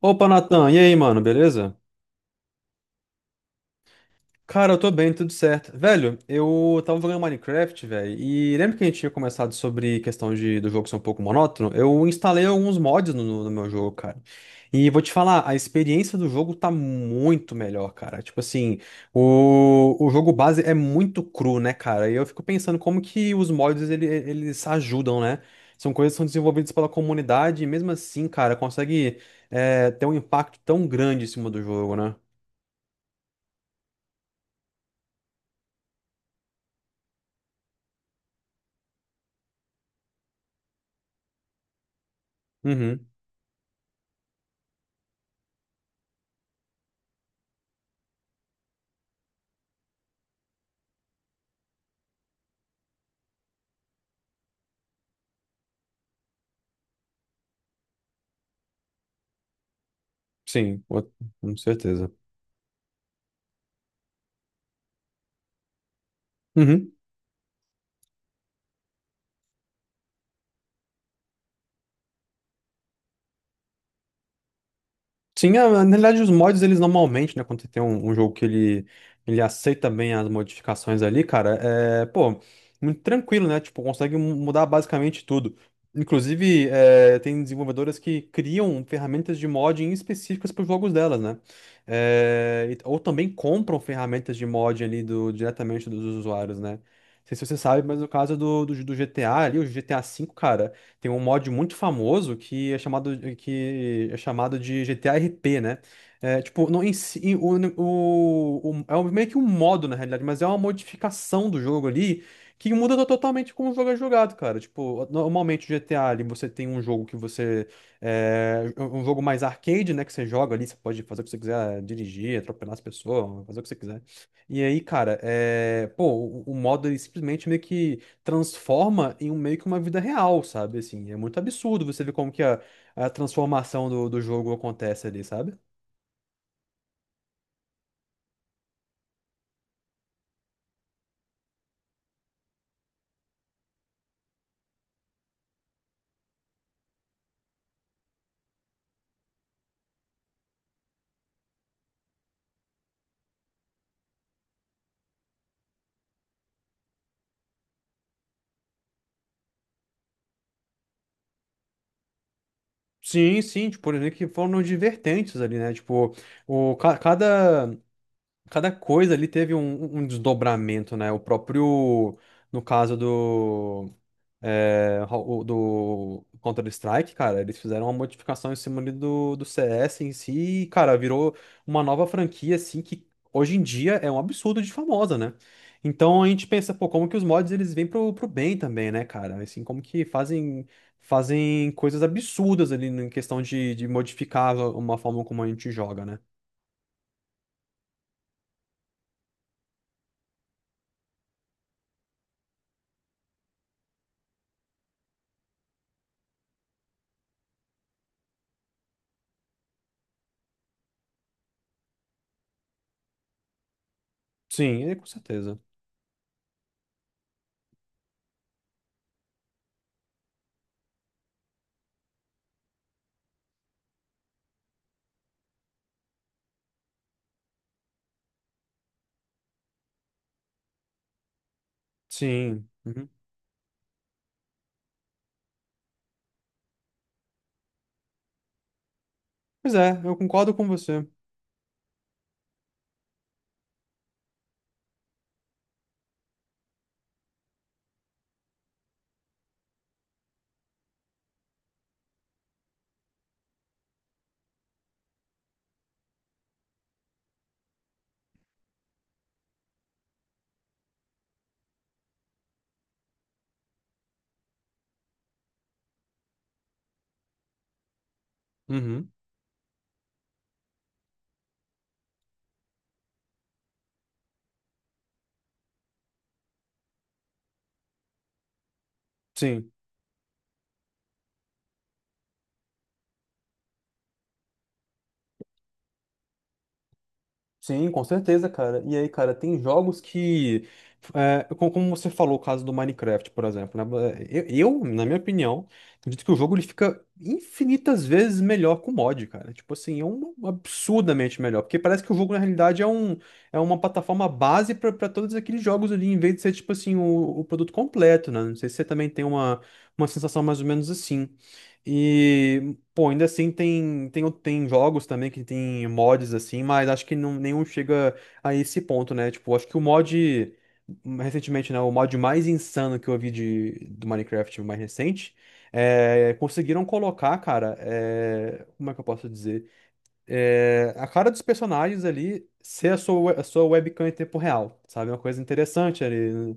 Opa, Natan, e aí, mano, beleza? Cara, eu tô bem, tudo certo. Velho, eu tava jogando Minecraft, velho, e lembra que a gente tinha começado sobre questão de, do jogo ser um pouco monótono? Eu instalei alguns mods no meu jogo, cara. E vou te falar, a experiência do jogo tá muito melhor, cara. Tipo assim, o jogo base é muito cru, né, cara? E eu fico pensando como que os mods, eles ajudam, né? São coisas que são desenvolvidas pela comunidade e mesmo assim, cara, consegue ter um impacto tão grande em cima do jogo, né? Uhum. Sim, o- com certeza. Uhum. Sim, na realidade, os mods, eles normalmente, né, quando você tem um jogo que ele aceita bem as modificações ali, cara, é, pô, muito tranquilo, né? Tipo, consegue mudar basicamente tudo. Inclusive, é, tem desenvolvedoras que criam ferramentas de modding específicas para os jogos delas, né? É, ou também compram ferramentas de mod ali do, diretamente dos usuários, né? Não sei se você sabe, mas no caso do GTA ali, o GTA V, cara. Tem um mod muito famoso que é chamado de GTA RP, né? É, tipo, não, meio que um modo, na realidade, mas é uma modificação do jogo ali que muda totalmente como o jogo é jogado, cara. Tipo, normalmente o GTA ali você tem um jogo que você. É, um jogo mais arcade, né? Que você joga ali, você pode fazer o que você quiser, dirigir, atropelar as pessoas, fazer o que você quiser. E aí, cara, é, pô, o modo ele simplesmente meio que transforma em um meio que uma vida real, sabe? Assim, é muito absurdo você ver como que a transformação do jogo acontece ali, sabe? Sim, sim, tipo, por exemplo, que foram de vertentes ali, né? Tipo, o, ca- cada, cada coisa ali teve um desdobramento, né? O próprio, no caso do do Counter-Strike, cara, eles fizeram uma modificação em cima ali do CS em si, e, cara, virou uma nova franquia, assim, que hoje em dia é um absurdo de famosa, né? Então a gente pensa, pô, como que os mods eles vêm pro bem também, né, cara? Assim, como que fazem, fazem coisas absurdas ali em questão de modificar uma forma como a gente joga, né? Sim, é, com certeza. Sim. Uhum. Pois é, eu concordo com você. Uhum. Sim. Sim, com certeza, cara. E aí, cara, tem jogos que, é, como você falou, o caso do Minecraft, por exemplo, né? É, eu na minha opinião, acredito que o jogo ele fica infinitas vezes melhor com mod, cara. Tipo assim, é um absurdamente melhor, porque parece que o jogo na realidade é é uma plataforma base pra pra todos aqueles jogos ali, em vez de ser tipo assim o produto completo, né? Não sei se você também tem uma sensação mais ou menos assim. E pô, ainda assim tem jogos também que tem mods assim, mas acho que não, nenhum chega a esse ponto, né? Tipo, acho que o mod, recentemente, né? O mod mais insano que eu vi de, do Minecraft mais recente, é, conseguiram colocar, cara, é, como é que eu posso dizer? É, a cara dos personagens ali ser a sua, a sua webcam em tempo real, sabe? Uma coisa interessante ali, né?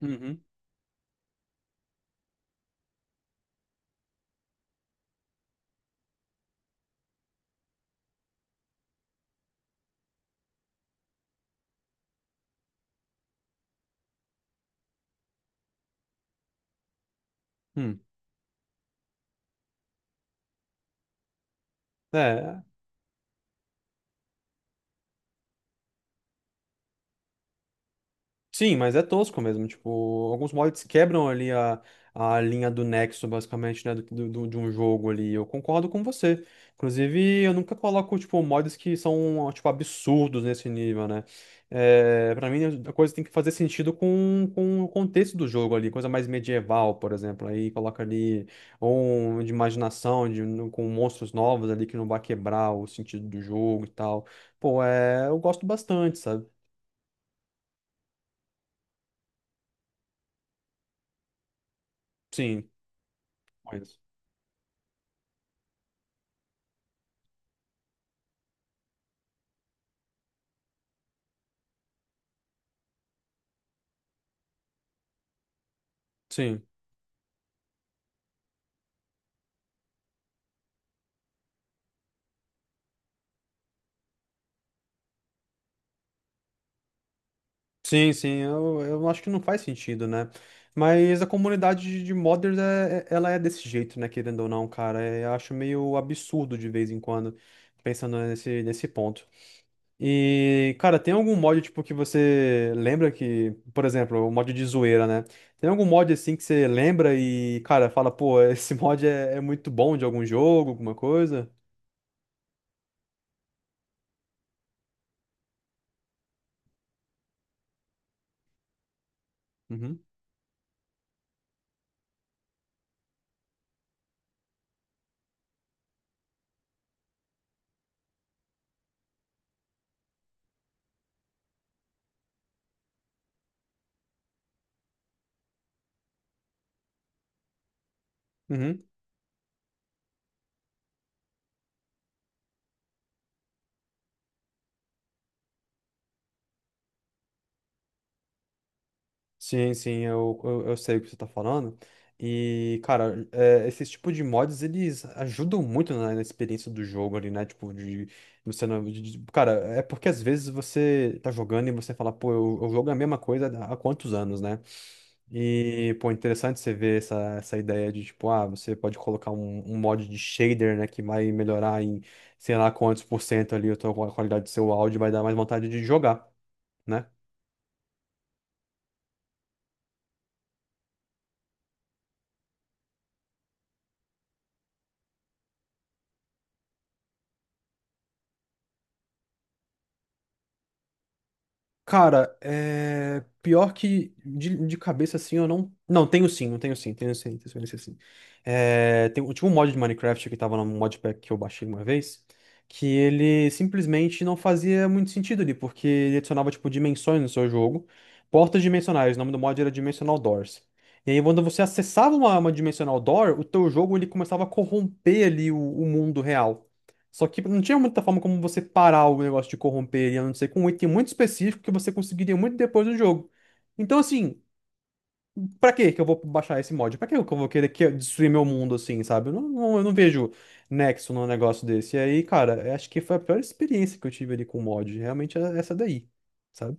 Uhum. Hum. É, sim, mas é tosco mesmo. Tipo, alguns mods quebram ali a linha do nexo, basicamente, né? De um jogo ali. Eu concordo com você. Inclusive, eu nunca coloco, tipo, mods que são, tipo, absurdos nesse nível, né? É, pra mim, a coisa tem que fazer sentido com o contexto do jogo ali. Coisa mais medieval, por exemplo. Aí coloca ali, ou um de imaginação, de, com monstros novos ali que não vai quebrar o sentido do jogo e tal. Pô, é, eu gosto bastante, sabe? Sim, mas- sim. Sim, sim, eu acho que não faz sentido, né? Mas a comunidade de modders, é, ela é desse jeito, né? Querendo ou não, cara. É, eu acho meio absurdo de vez em quando, pensando nesse, nesse ponto. E, cara, tem algum mod, tipo, que você lembra que, por exemplo, o mod de zoeira, né? Tem algum mod, assim, que você lembra e, cara, fala, pô, esse mod é, é muito bom de algum jogo, alguma coisa? Uhum. Uhum. Sim, sim, eu sei o que você tá falando. E, cara, é, esses tipos de mods, eles ajudam muito na, na experiência do jogo ali, né? Tipo, de você não. Cara, é porque às vezes você tá jogando e você fala, pô, eu jogo a mesma coisa há quantos anos, né? E, pô, interessante você ver essa, essa ideia de, tipo, ah, você pode colocar um mod de shader, né? Que vai melhorar em sei lá quantos por cento ali a tua qualidade do seu áudio, vai dar mais vontade de jogar, né. Cara, é... pior que de cabeça assim eu não. Não, tenho sim, eu tenho sim, tenho sim, tenho sim. tenho sim. É... Tem, tinha um mod de Minecraft que tava no modpack que eu baixei uma vez, que ele simplesmente não fazia muito sentido ali, porque ele adicionava tipo dimensões no seu jogo, portas dimensionais, o nome do mod era Dimensional Doors. E aí quando você acessava uma Dimensional Door, o teu jogo ele começava a corromper ali o mundo real. Só que não tinha muita forma como você parar o negócio de corromper, ele, a não ser com um item muito específico que você conseguiria muito depois do jogo. Então, assim, pra que que eu vou baixar esse mod? Pra que que eu vou querer destruir meu mundo, assim, sabe? Eu não, eu não vejo nexo num negócio desse. E aí, cara, eu acho que foi a pior experiência que eu tive ali com o mod. Realmente é essa daí, sabe?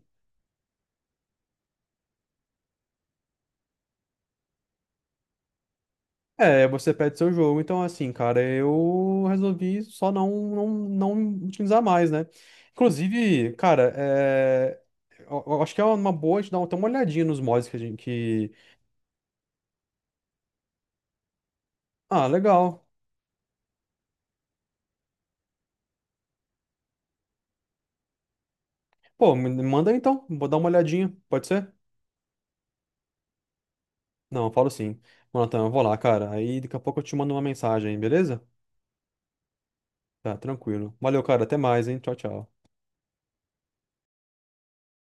É, você perde seu jogo. Então, assim, cara, eu resolvi só não utilizar mais, né? Inclusive, cara, é... eu acho que é uma boa a gente dar ter uma olhadinha nos mods que a gente... Que... Ah, legal. Pô, me manda aí, então. Vou dar uma olhadinha. Pode ser? Não, eu falo sim. Mano, então, eu vou lá, cara. Aí daqui a pouco eu te mando uma mensagem, beleza? Tá, tranquilo. Valeu, cara. Até mais, hein? Tchau, tchau.